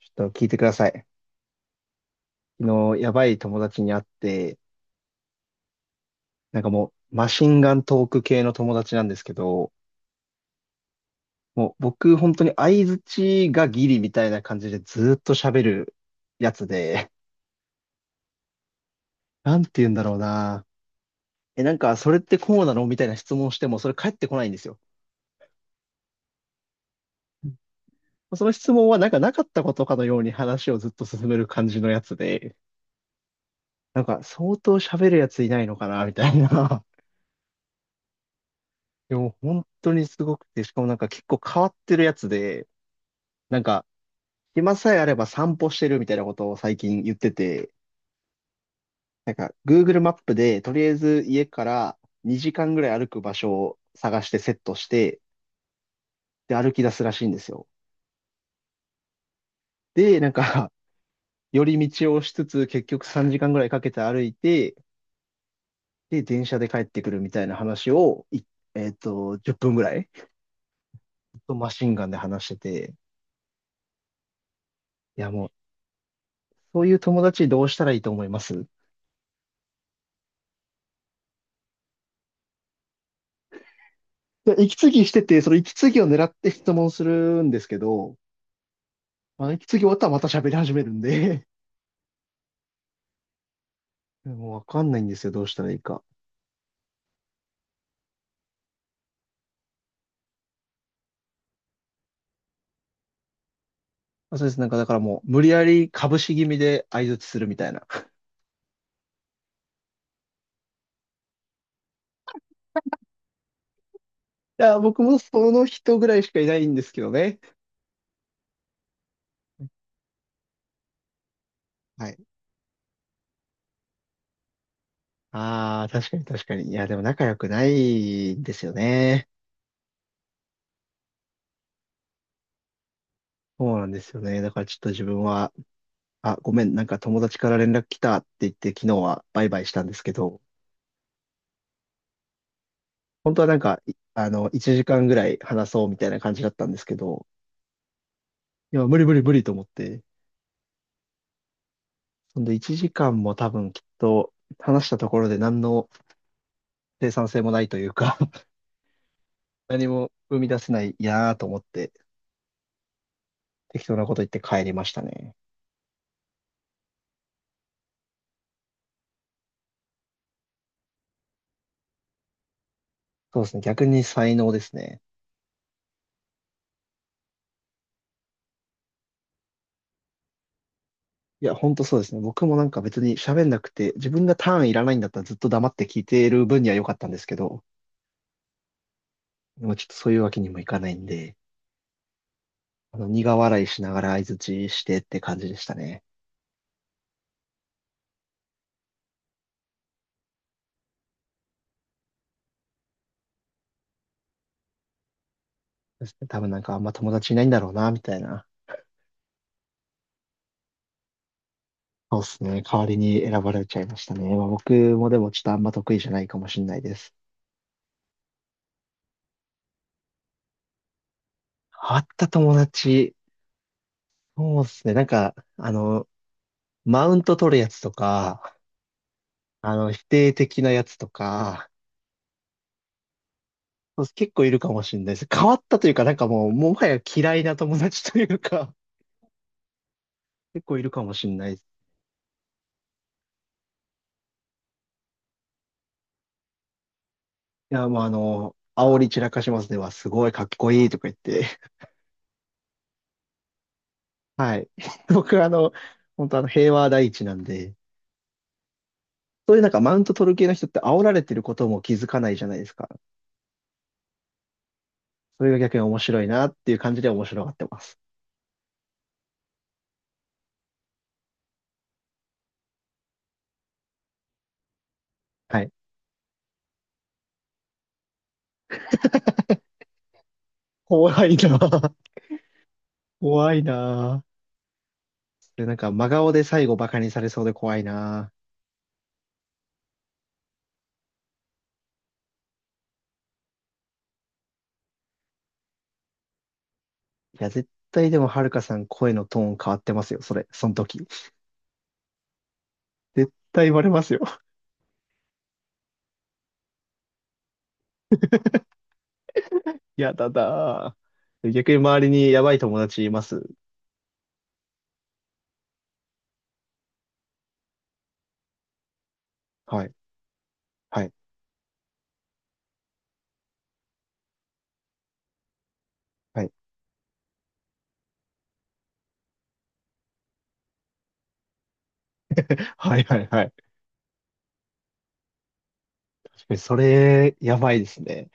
ちょっと聞いてください。昨日、やばい友達に会って、なんかもう、マシンガントーク系の友達なんですけど、もう僕、本当に相槌がギリみたいな感じでずーっと喋るやつで、なんて言うんだろうな。え、なんか、それってこうなのみたいな質問しても、それ返ってこないんですよ。その質問は、なんかなかったことかのように話をずっと進める感じのやつで、なんか、相当喋るやついないのかなみたいな。でも、本当にすごくて、しかもなんか結構変わってるやつで、なんか、暇さえあれば散歩してるみたいなことを最近言ってて、なんか Google マップでとりあえず家から2時間ぐらい歩く場所を探してセットして、で歩き出すらしいんですよ。で、なんか 寄り道をしつつ結局3時間ぐらいかけて歩いて、で、電車で帰ってくるみたいな話を、いえっと、10分ぐらい、ずっとマシンガンで話してて、いやもう、そういう友達どうしたらいいと思います？で、息継ぎしてて、その息継ぎを狙って質問するんですけど、まあ、息継ぎ終わったらまた喋り始めるんで もうわかんないんですよ。どうしたらいいか。まあ、そうです。なんかだからもう無理やり株式気味で相槌するみたいな。いや、僕もその人ぐらいしかいないんですけどね。はい。ああ、確かに確かに。いや、でも仲良くないんですよね。そうなんですよね。だからちょっと自分は、あ、ごめん、なんか友達から連絡来たって言って昨日はバイバイしたんですけど、本当はなんか、いあの、1時間ぐらい話そうみたいな感じだったんですけど、いや、無理無理無理と思って、ほんで1時間も多分きっと話したところで何の生産性もないというか 何も生み出せないなぁと思って適当なこと言って帰りましたね。そうですね。逆に才能ですね。いや、ほんとそうですね。僕もなんか別に喋んなくて、自分がターンいらないんだったらずっと黙って聞いている分には良かったんですけど、でもちょっとそういうわけにもいかないんで、あの苦笑いしながら相槌してって感じでしたね。そうですね多分なんかあんま友達いないんだろうな、みたいな。そうですね。代わりに選ばれちゃいましたね。まあ、僕もでもちょっとあんま得意じゃないかもしれないです。変わった友達。そうですね。なんか、あの、マウント取るやつとか、あの、否定的なやつとか、そう結構いるかもしれないです。変わったというか、なんかもう、もはや嫌いな友達というか、結構いるかもしれないです。いや、もうあの、煽り散らかしますね。わ、すごいかっこいいとか言って。僕あの、本当あの、平和第一なんで、そういうなんかマウント取る系の人って煽られてることも気づかないじゃないですか。それが逆に面白いなっていう感じで面白がってます。はい。怖いなぁ。怖いなぁ。それなんか真顔で最後バカにされそうで怖いなぁ。いや、絶対でもはるかさん声のトーン変わってますよ。それ、その時。絶対言われますよ。やだだぁ。逆に周りにやばい友達います？はい。はい。はい。はいはいはい。確かにそれ、やばいですね。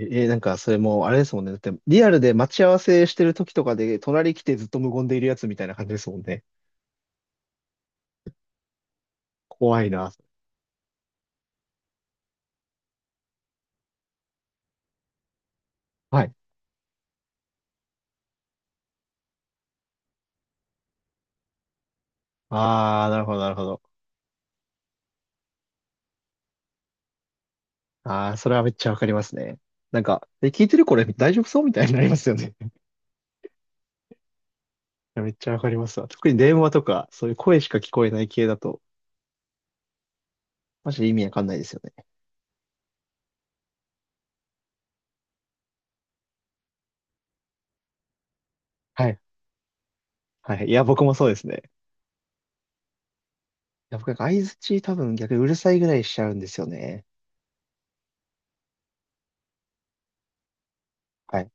えーえーなんか、それもう、あれですもんね。だって、リアルで待ち合わせしてる時とかで、隣来てずっと無言でいるやつみたいな感じですもんね。怖いな。はい。ああ、なるほど、なるほど。ああ、それはめっちゃわかりますね。なんか、え、聞いてるこれ大丈夫そうみたいになりますよね。いやめっちゃわかりますわ。特に電話とか、そういう声しか聞こえない系だと、マジで意味わかんないですよね。はい。はいはい、いや、僕もそうですね。いや、僕、相槌多分逆にうるさいぐらいしちゃうんですよね。はい。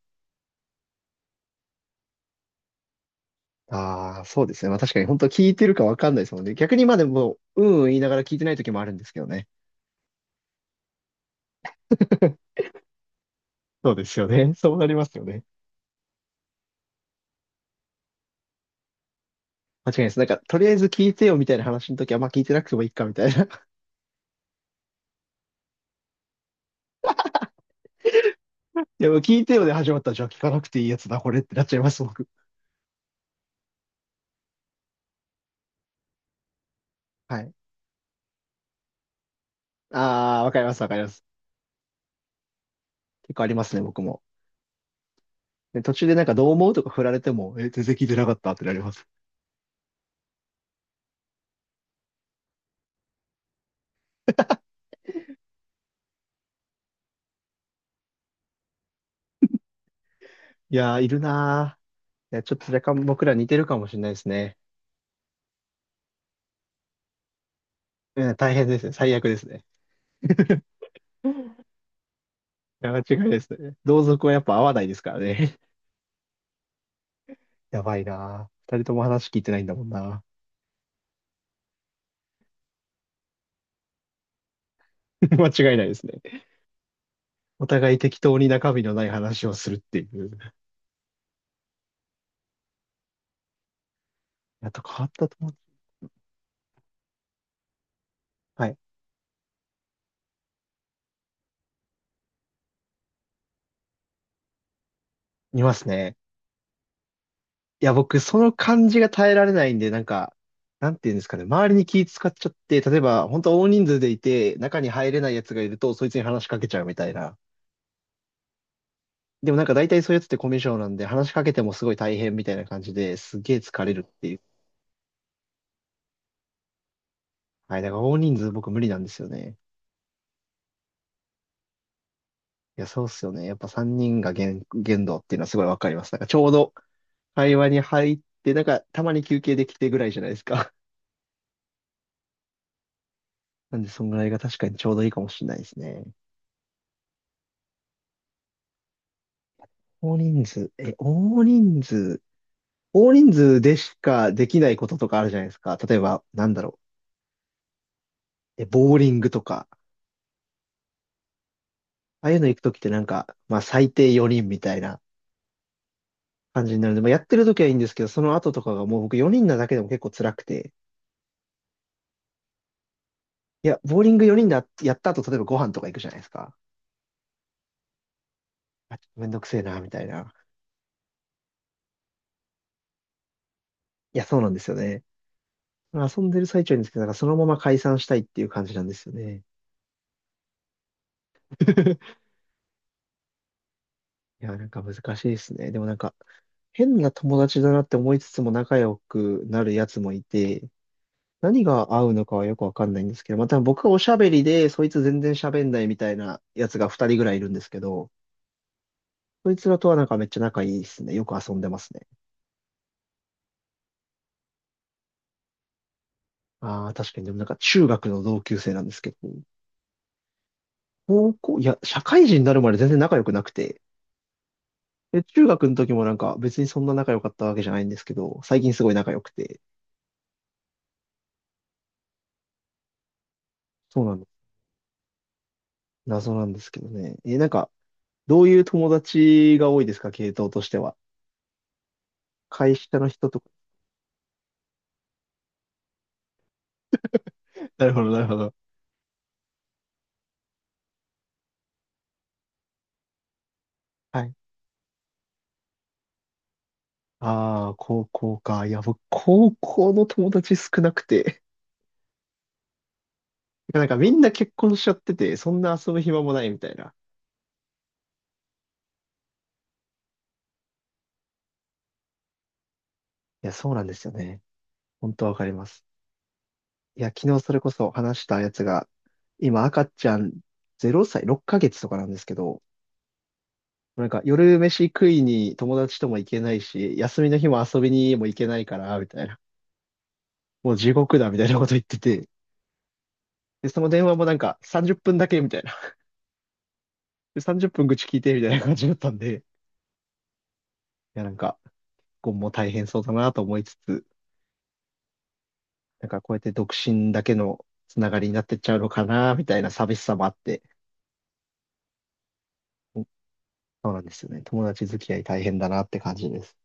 ああ、そうですね。まあ確かに本当聞いてるかわかんないですもんね。逆にまあでも、うんうん言いながら聞いてない時もあるんですけどね。そうですよね。そうなりますよね。間違いないです。なんか、とりあえず聞いてよみたいな話の時は、まあ聞いてなくてもいいかみたいな。いや、もう聞いてよで始まったら、じゃあ聞かなくていいやつだ、これってなっちゃいます、僕。はい。ああ、わかります、わかります。結構ありますね、僕も。で、途中でなんかどう思うとか振られても、え、全然聞いてなかったってなります。いやー、いるなー。いや、ちょっと若干僕ら似てるかもしれないですね。うん、大変ですね。最悪ですね。いや、間違いないですね。同族はやっぱ合わないですからね。やばいなー。二人とも話聞いてないんだもんな。間違いないですね。お互い適当に中身のない話をするっていう。やっと変わったと思う。はい。いますね。いや、僕、その感じが耐えられないんで、なんか、なんていうんですかね。周りに気使っちゃって、例えば、本当大人数でいて、中に入れないやつがいると、そいつに話しかけちゃうみたいな。でもなんか大体そういうやつってコミュ障なんで、話しかけてもすごい大変みたいな感じですげえ疲れるっていう。はい。だから大人数僕無理なんですよね。いや、そうっすよね。やっぱ3人が限度っていうのはすごいわかります。なんかちょうど会話に入って、なんか、たまに休憩できてぐらいじゃないですか。なんで、そんぐらいが確かにちょうどいいかもしれないですね。大人数、え、大人数、大人数でしかできないこととかあるじゃないですか。例えば、なんだろう、ボーリングとか、ああいうの行くときってなんか、まあ、最低4人みたいな感じになるので、まあ、やってるときはいいんですけど、その後とかがもう僕4人なだけでも結構辛くて、いや、ボーリング4人やった後、例えばご飯とか行くじゃないですか。あ、ちょっとめんどくせえな、みたいな。いや、そうなんですよね。遊んでる最中にですけど、なんかそのまま解散したいっていう感じなんですよね。いや、なんか難しいですね。でもなんか、変な友達だなって思いつつも仲良くなるやつもいて、何が合うのかはよくわかんないんですけど、また僕がおしゃべりで、そいつ全然喋んないみたいなやつが2人ぐらいいるんですけど、そいつらとはなんかめっちゃ仲いいですね。よく遊んでますね。ああ、確かに。でもなんか中学の同級生なんですけど、高校、いや、社会人になるまで全然仲良くなくて、で、中学の時もなんか別にそんな仲良かったわけじゃないんですけど、最近すごい仲良くて、そうなの。謎なんですけどね。え、なんか、どういう友達が多いですか、系統としては。会社の人とか。なるほど、なるほど。はい。ああ、高校か。いや、僕、高校の友達少なくて。なんかみんな結婚しちゃってて、そんな遊ぶ暇もないみたいな。いや、そうなんですよね。本当わかります。いや、昨日それこそ話したやつが、今赤ちゃん0歳、6ヶ月とかなんですけど、なんか夜飯食いに友達とも行けないし、休みの日も遊びにも行けないから、みたいな。もう地獄だ、みたいなこと言ってて。で、その電話もなんか30分だけ、みたいな。で、30分愚痴聞いて、みたいな感じだったんで。いや、なんか、今後も大変そうだなと思いつつ、なんかこうやって独身だけのつながりになってっちゃうのかな、みたいな寂しさもあって。そうなんですよね。友達付き合い大変だなって感じです。